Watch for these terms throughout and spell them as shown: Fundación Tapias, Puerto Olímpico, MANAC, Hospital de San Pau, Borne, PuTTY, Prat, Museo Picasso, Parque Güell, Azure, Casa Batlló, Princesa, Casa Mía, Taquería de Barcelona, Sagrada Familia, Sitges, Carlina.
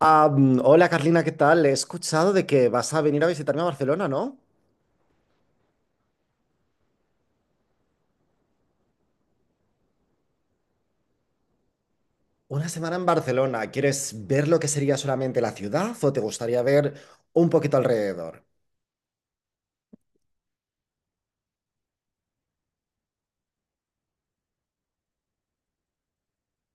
Hola Carlina, ¿qué tal? He escuchado de que vas a venir a visitarme a Barcelona, ¿no? Una semana en Barcelona. ¿Quieres ver lo que sería solamente la ciudad o te gustaría ver un poquito alrededor?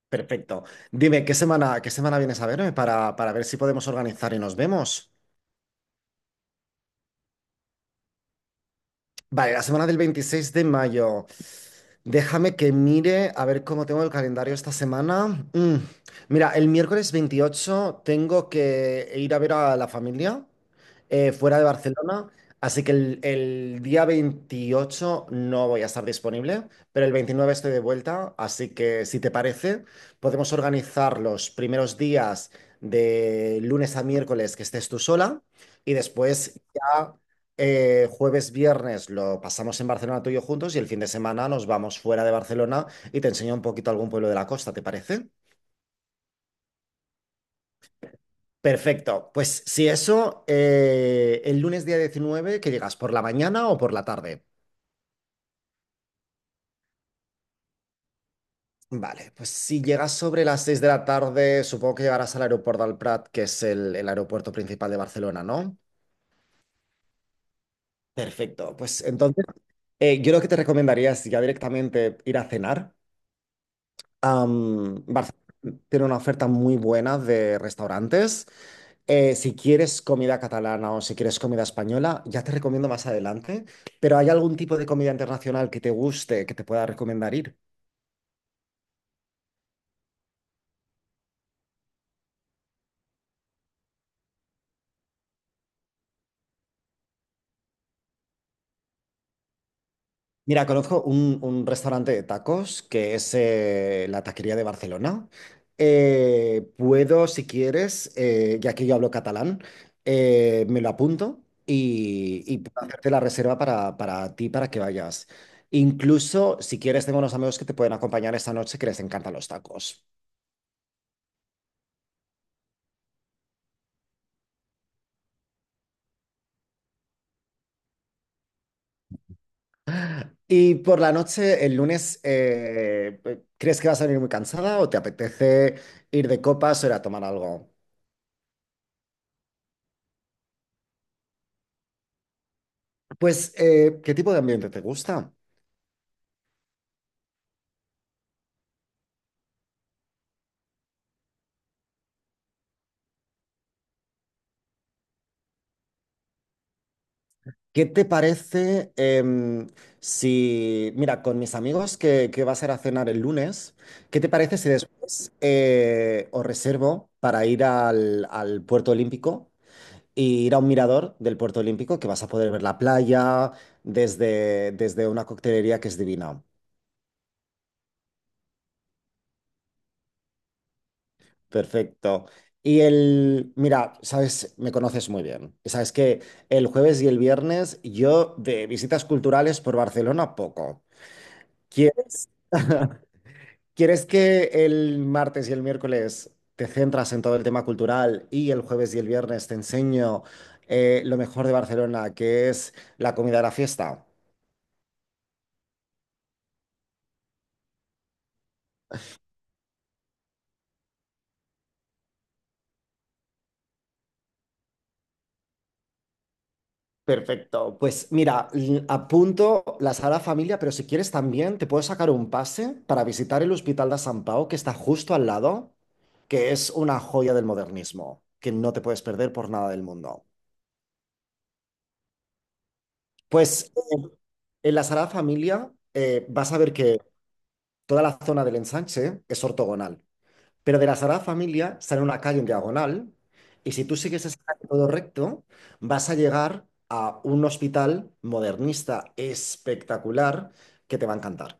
Perfecto. Dime, ¿qué semana vienes a verme para ver si podemos organizar y nos vemos? Vale, la semana del 26 de mayo. Déjame que mire a ver cómo tengo el calendario esta semana. Mira, el miércoles 28 tengo que ir a ver a la familia fuera de Barcelona, así que el día 28 no voy a estar disponible, pero el 29 estoy de vuelta, así que si te parece, podemos organizar los primeros días de lunes a miércoles que estés tú sola y después ya jueves, viernes lo pasamos en Barcelona tú y yo juntos, y el fin de semana nos vamos fuera de Barcelona y te enseño un poquito algún pueblo de la costa, ¿te parece? Perfecto. Pues si eso, el lunes día 19 ¿que llegas? ¿Por la mañana o por la tarde? Vale, pues si llegas sobre las 6 de la tarde, supongo que llegarás al aeropuerto del Prat, que es el aeropuerto principal de Barcelona, ¿no? Perfecto. Pues entonces, yo lo que te recomendaría es ya directamente ir a cenar. Barcelona tiene una oferta muy buena de restaurantes. Si quieres comida catalana o si quieres comida española, ya te recomiendo más adelante. Pero ¿hay algún tipo de comida internacional que te guste, que te pueda recomendar ir? Mira, conozco un restaurante de tacos que es la Taquería de Barcelona. Puedo, si quieres, ya que yo hablo catalán, me lo apunto y puedo hacerte la reserva para ti, para que vayas. Incluso, si quieres, tengo unos amigos que te pueden acompañar esta noche que les encantan los tacos. Y por la noche, el lunes, ¿crees que vas a venir muy cansada o te apetece ir de copas o ir a tomar algo? Pues, ¿qué tipo de ambiente te gusta? ¿Qué te parece si, mira, con mis amigos que vas a ir a cenar el lunes, ¿qué te parece si después os reservo para ir al Puerto Olímpico y ir a un mirador del Puerto Olímpico que vas a poder ver la playa desde una coctelería que es divina? Perfecto. Y el, mira, sabes, me conoces muy bien. Y sabes que el jueves y el viernes yo de visitas culturales por Barcelona poco. ¿Quieres? ¿Quieres que el martes y el miércoles te centras en todo el tema cultural y el jueves y el viernes te enseño lo mejor de Barcelona, que es la comida de la fiesta? Perfecto. Pues mira, apunto la Sagrada Familia, pero si quieres también te puedo sacar un pase para visitar el Hospital de San Pau, que está justo al lado, que es una joya del modernismo, que no te puedes perder por nada del mundo. Pues en la Sagrada Familia vas a ver que toda la zona del ensanche es ortogonal. Pero de la Sagrada Familia sale una calle en diagonal y si tú sigues esa calle todo recto, vas a llegar a un hospital modernista espectacular que te va a encantar.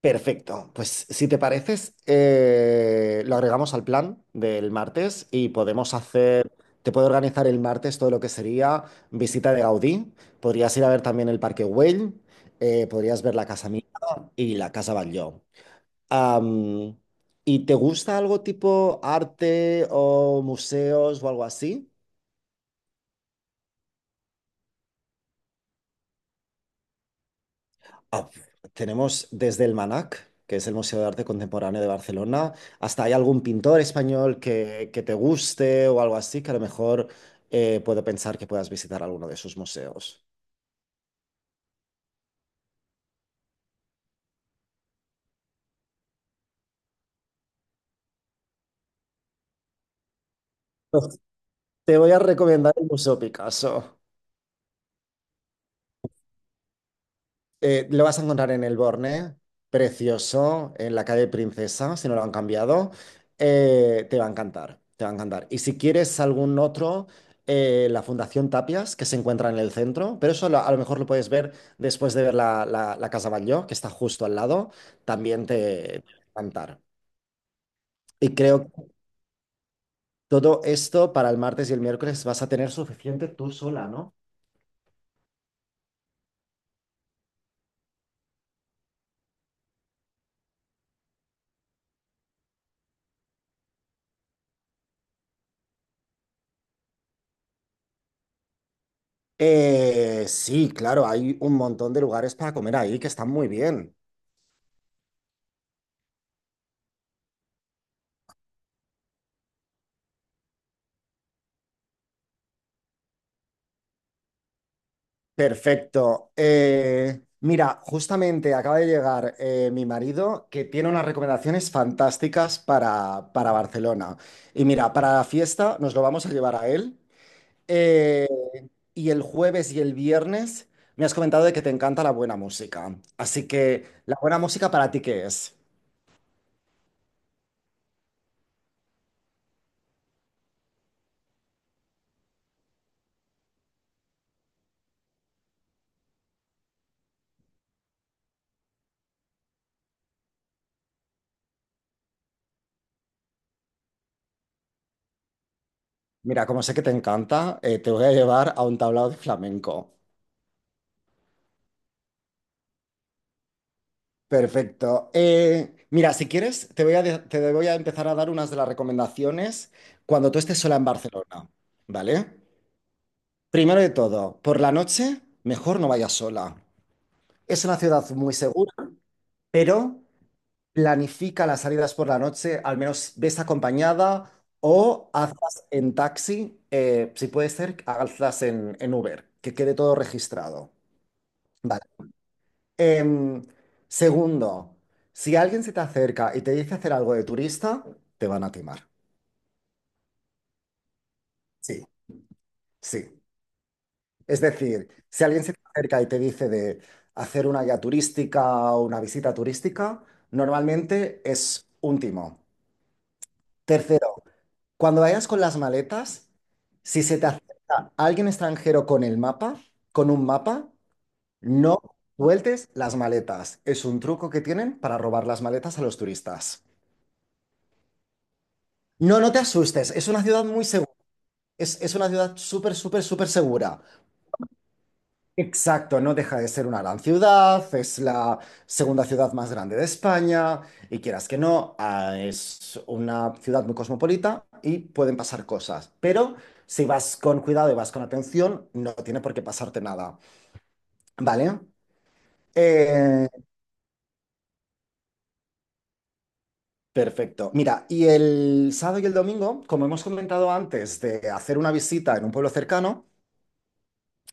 Perfecto. Pues si te pareces, lo agregamos al plan del martes y podemos hacer, te puedo organizar el martes todo lo que sería visita de Gaudí. Podrías ir a ver también el Parque Güell, podrías ver la Casa Mía y la Casa Batlló. Am, ¿Y te gusta algo tipo arte o museos o algo así? Ah, tenemos desde el MANAC, que es el Museo de Arte Contemporáneo de Barcelona, hasta hay algún pintor español que te guste o algo así, que a lo mejor puedo pensar que puedas visitar alguno de sus museos. Pues te voy a recomendar el Museo Picasso. Lo vas a encontrar en el Borne, precioso, en la calle Princesa, si no lo han cambiado. Te va a encantar, te va a encantar. Y si quieres algún otro, la Fundación Tapias, que se encuentra en el centro, pero eso a lo mejor lo puedes ver después de ver la Casa Batlló, que está justo al lado, también te va a encantar. Y creo que todo esto para el martes y el miércoles vas a tener suficiente tú sola, ¿no? Sí, claro, hay un montón de lugares para comer ahí que están muy bien. Perfecto. Mira, justamente acaba de llegar mi marido que tiene unas recomendaciones fantásticas para Barcelona. Y mira, para la fiesta nos lo vamos a llevar a él. Eh, y el jueves y el viernes me has comentado de que te encanta la buena música. Así que, ¿la buena música para ti qué es? Mira, como sé que te encanta, te voy a llevar a un tablao de flamenco. Perfecto. Mira, si quieres, te voy a, te voy a empezar a dar unas de las recomendaciones cuando tú estés sola en Barcelona, ¿vale? Primero de todo, por la noche, mejor no vayas sola. Es una ciudad muy segura, pero planifica las salidas por la noche, al menos ves acompañada o hazlas en taxi, si puede ser, hazlas en Uber, que quede todo registrado. ¿Vale? Em, segundo, si alguien se te acerca y te dice hacer algo de turista, te van a timar. Sí, sí. Es decir, si alguien se te acerca y te dice de hacer una guía turística o una visita turística, normalmente es un timo. Tercero, cuando vayas con las maletas, si se te acerca alguien extranjero con el mapa, con un mapa, no sueltes las maletas. Es un truco que tienen para robar las maletas a los turistas. No, no te asustes, es una ciudad muy segura, es una ciudad súper, súper, súper segura. Exacto, no deja de ser una gran ciudad, es la segunda ciudad más grande de España y quieras que no, es una ciudad muy cosmopolita y pueden pasar cosas, pero si vas con cuidado y vas con atención, no tiene por qué pasarte nada, ¿vale? Eh, perfecto. Mira, y el sábado y el domingo, como hemos comentado antes, de hacer una visita en un pueblo cercano,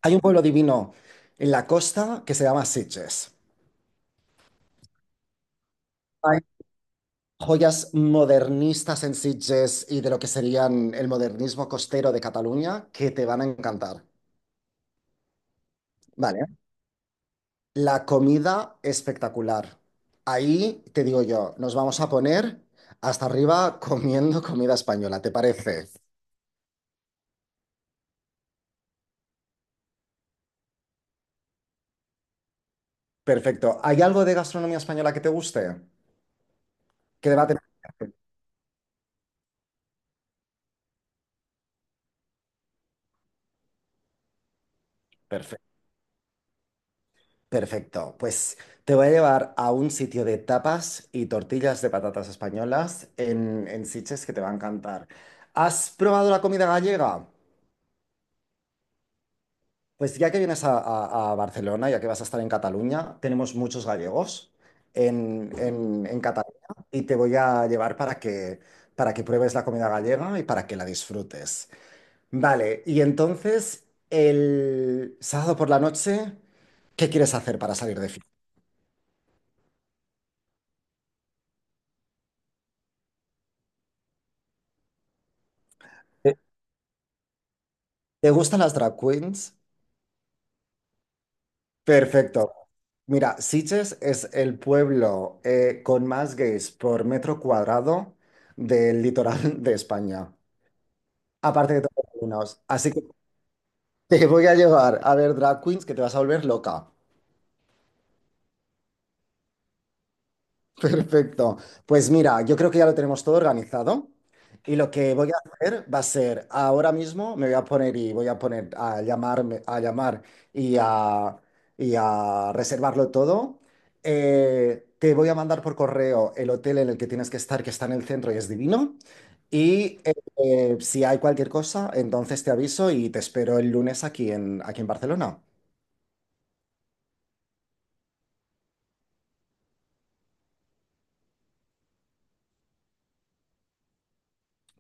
hay un pueblo divino en la costa que se llama Sitges. Hay joyas modernistas en Sitges y de lo que serían el modernismo costero de Cataluña que te van a encantar. Vale. La comida espectacular. Ahí te digo yo, nos vamos a poner hasta arriba comiendo comida española, ¿te parece? Perfecto. ¿Hay algo de gastronomía española que te guste? ¿Qué debate? Perfecto. Perfecto, pues te voy a llevar a un sitio de tapas y tortillas de patatas españolas en Sitges que te va a encantar. ¿Has probado la comida gallega? Pues ya que vienes a Barcelona, ya que vas a estar en Cataluña, tenemos muchos gallegos en Cataluña y te voy a llevar para que pruebes la comida gallega y para que la disfrutes. Vale, y entonces el sábado por la noche, ¿qué quieres hacer para salir de fiesta? Eh, ¿Te gustan las drag queens? Perfecto. Mira, Sitges es el pueblo con más gays por metro cuadrado del litoral de España, aparte de todos los alumnos. Así que te voy a llevar a ver drag queens que te vas a volver loca. Perfecto. Pues mira, yo creo que ya lo tenemos todo organizado y lo que voy a hacer va a ser, ahora mismo me voy a poner y voy a poner a llamarme, a llamar y a, y a reservarlo todo. Te voy a mandar por correo el hotel en el que tienes que estar, que está en el centro y es divino. Y eh, si hay cualquier cosa, entonces te aviso y te espero el lunes aquí en, aquí en Barcelona.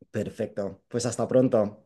Perfecto. Pues hasta pronto.